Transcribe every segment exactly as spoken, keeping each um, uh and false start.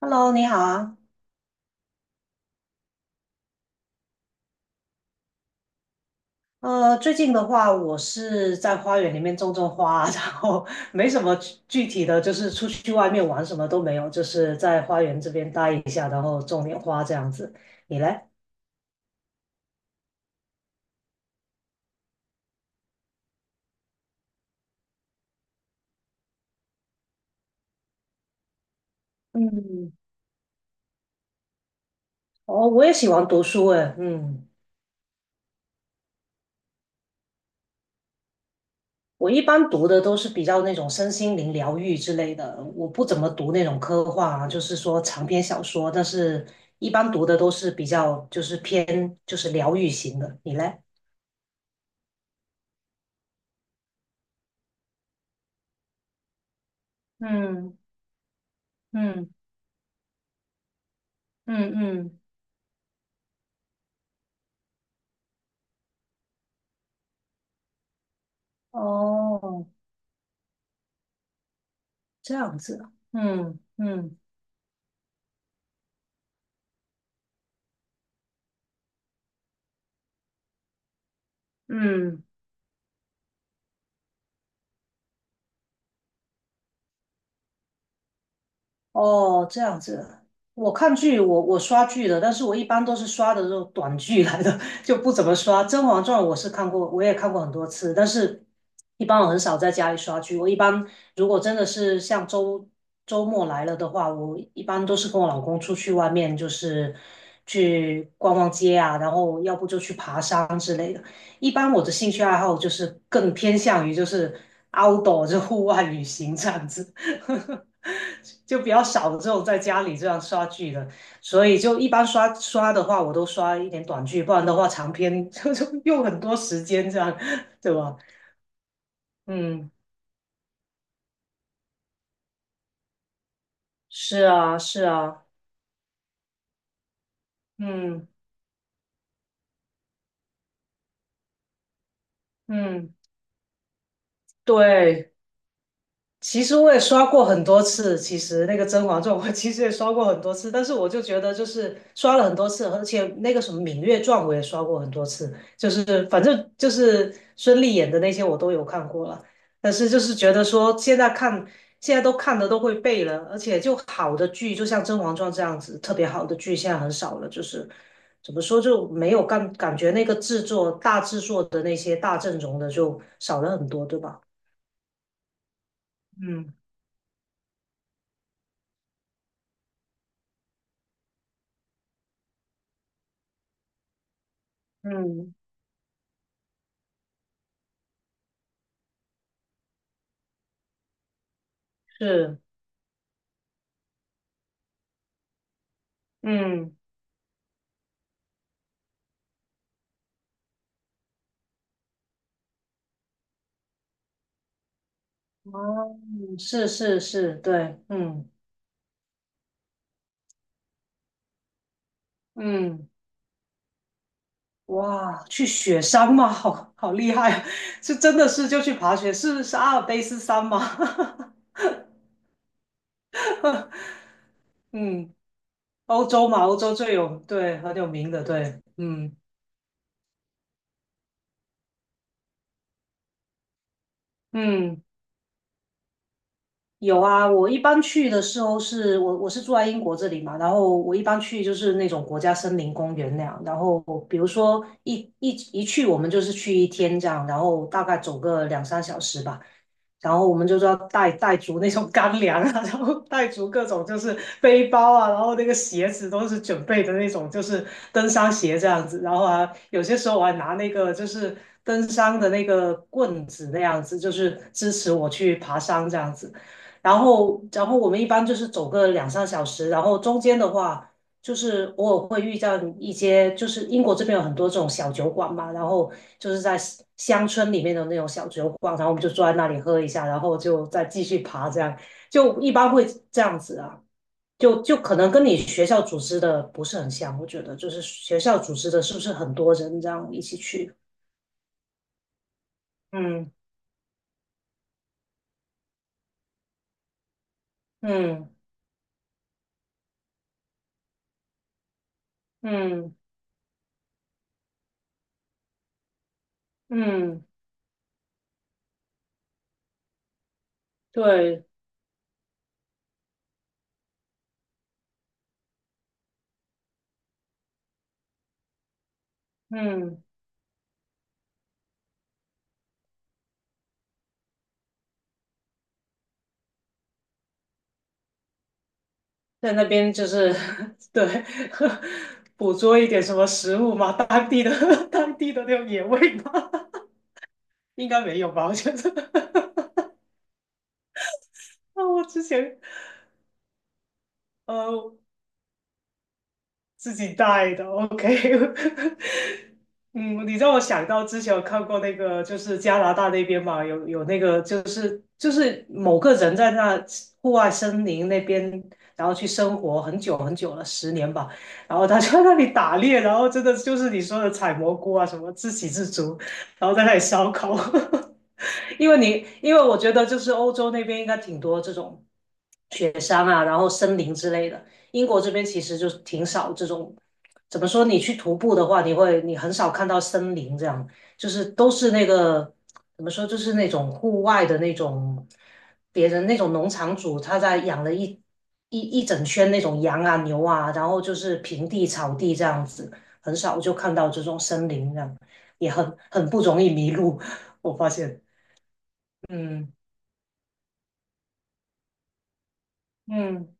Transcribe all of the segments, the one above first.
Hello，你好啊。呃，最近的话，我是在花园里面种种花，然后没什么具具体的，就是出去外面玩什么都没有，就是在花园这边待一下，然后种点花这样子。你嘞？嗯。哦，我也喜欢读书诶。嗯。我一般读的都是比较那种身心灵疗愈之类的，我不怎么读那种科幻啊，就是说长篇小说，但是一般读的都是比较就是偏就是疗愈型的。你嘞？嗯嗯。嗯嗯，哦，这样子啊。嗯嗯嗯，哦，这样子。我看剧，我我刷剧的，但是我一般都是刷的这种短剧来的，就不怎么刷。《甄嬛传》我是看过，我也看过很多次，但是一般我很少在家里刷剧。我一般如果真的是像周周末来了的话，我一般都是跟我老公出去外面，就是去逛逛街啊，然后要不就去爬山之类的。一般我的兴趣爱好就是更偏向于就是 outdoor，就户外旅行这样子。就比较少的这种在家里这样刷剧的，所以就一般刷刷的话，我都刷一点短剧，不然的话长篇就就用很多时间这样，对吧？嗯，是啊，是啊。嗯嗯，对。其实我也刷过很多次，其实那个《甄嬛传》我其实也刷过很多次，但是我就觉得就是刷了很多次，而且那个什么《芈月传》我也刷过很多次，就是反正就是孙俪演的那些我都有看过了，但是就是觉得说现在看现在都看的都会背了，而且就好的剧，就像《甄嬛传》这样子特别好的剧现在很少了，就是怎么说就没有感感觉那个制作大制作的那些大阵容的就少了很多，对吧？嗯嗯。是，嗯。哦，是是是，对。嗯嗯，哇，去雪山吗？好好厉害啊，是真的是就去爬雪，是是阿尔卑斯山吗？嗯，欧洲嘛，欧洲最有，对，很有名的，对。嗯嗯。有啊，我一般去的时候是我我是住在英国这里嘛，然后我一般去就是那种国家森林公园那样，然后比如说一一一去我们就是去一天这样，然后大概走个两三小时吧，然后我们就是要带带足那种干粮啊，然后带足各种就是背包啊，然后那个鞋子都是准备的那种就是登山鞋这样子，然后啊有些时候我还拿那个就是登山的那个棍子那样子，就是支持我去爬山这样子。然后，然后我们一般就是走个两三小时，然后中间的话，就是偶尔会遇到一些，就是英国这边有很多这种小酒馆嘛，然后就是在乡乡村里面的那种小酒馆，然后我们就坐在那里喝一下，然后就再继续爬，这样就一般会这样子啊，就就可能跟你学校组织的不是很像，我觉得就是学校组织的是不是很多人这样一起去？嗯嗯嗯嗯，对，嗯。在那边就是 对 捕捉一点什么食物嘛。当地的 当地的那种野味吗？应该没有吧？我觉得。啊，我之前呃，自己带的，OK。嗯，你让我想到之前有看过那个，就是加拿大那边嘛，有有那个，就是就是某个人在那户外森林那边，然后去生活很久很久了，十年吧，然后他就在那里打猎，然后真的就是你说的采蘑菇啊，什么自给自足，然后在那里烧烤。因为你因为我觉得就是欧洲那边应该挺多这种。雪山啊，然后森林之类的。英国这边其实就挺少这种，怎么说？你去徒步的话，你会你很少看到森林这样，就是都是那个怎么说，就是那种户外的那种，别人那种农场主他在养了一一一整圈那种羊啊牛啊，然后就是平地草地这样子，很少就看到这种森林这样，也很很不容易迷路，我发现。嗯嗯，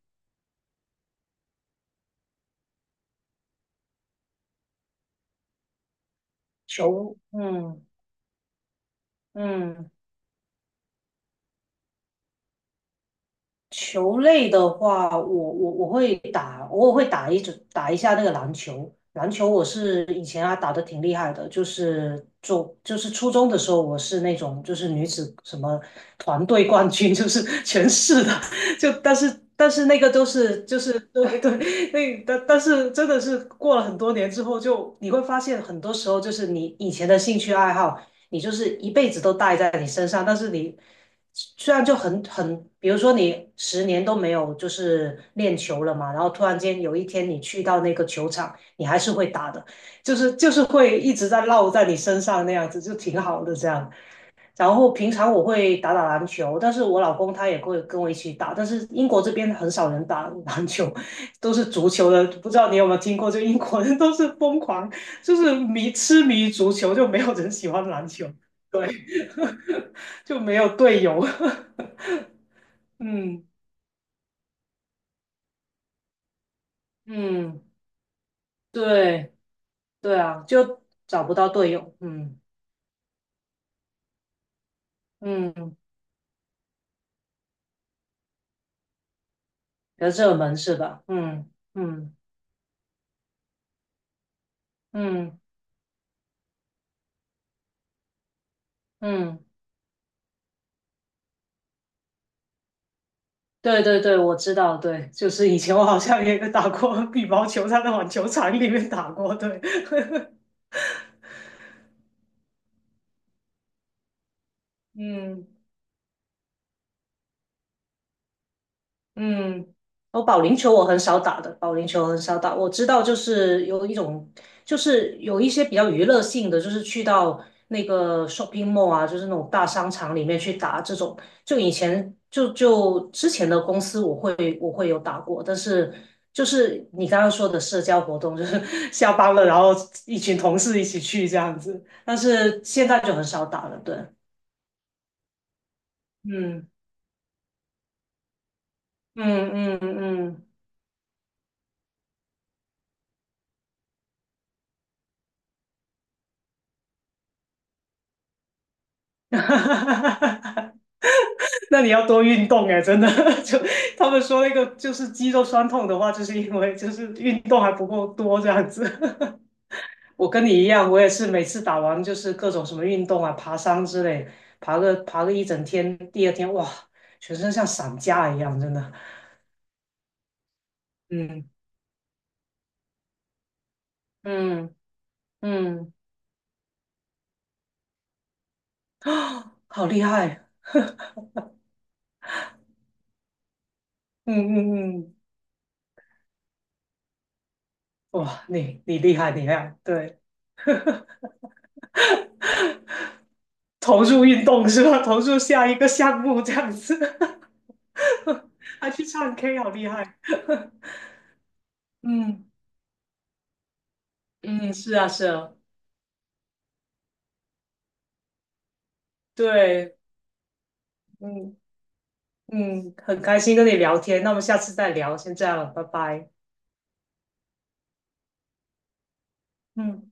求，嗯。嗯。球类的话，我我我会打，偶尔会打一直打一下那个篮球。篮球我是以前啊打得挺厉害的，就是就就是初中的时候，我是那种就是女子什么团队冠军，就是全市的。就但是但是那个都是就是对对。那但但是真的是过了很多年之后就，你会发现很多时候就是你以前的兴趣爱好。你就是一辈子都带在你身上，但是你虽然就很很，比如说你十年都没有就是练球了嘛，然后突然间有一天你去到那个球场，你还是会打的，就是就是会一直在烙在你身上那样子，就挺好的这样。然后平常我会打打篮球，但是我老公他也会跟我一起打，但是英国这边很少人打篮球，都是足球的。不知道你有没有听过，就英国人都是疯狂，就是迷痴迷足球，就没有人喜欢篮球，对。就没有队友。嗯嗯，对对啊，就找不到队友。嗯嗯，比较热门是吧？嗯嗯嗯嗯。对对对，我知道，对，就是以前我好像也打过 羽毛球，在那网球场里面打过，对。嗯。嗯，我保龄球我很少打的，保龄球很少打。我知道，就是有一种，就是有一些比较娱乐性的，就是去到那个 shopping mall 啊，就是那种大商场里面去打这种。就以前就就之前的公司，我会我会有打过，但是就是你刚刚说的社交活动，就是 下班了，然后一群同事一起去这样子。但是现在就很少打了，对。嗯嗯嗯嗯。嗯 哈哈哈哈哈！那你要多运动哎，真的。就他们说那个就是肌肉酸痛的话，就是因为就是运动还不够多这样子。我跟你一样，我也是每次打完就是各种什么运动啊，爬山之类，爬个爬个一整天，第二天哇，全身像散架一样，真的。嗯嗯嗯，好厉害。嗯嗯嗯，哇，你你厉害，你厉害，对，投入运动是吧？投入下一个项目这样子。还去唱 K，好厉害。嗯嗯，是啊是啊，对。嗯嗯，很开心跟你聊天，那我们下次再聊，先这样了，拜拜。嗯。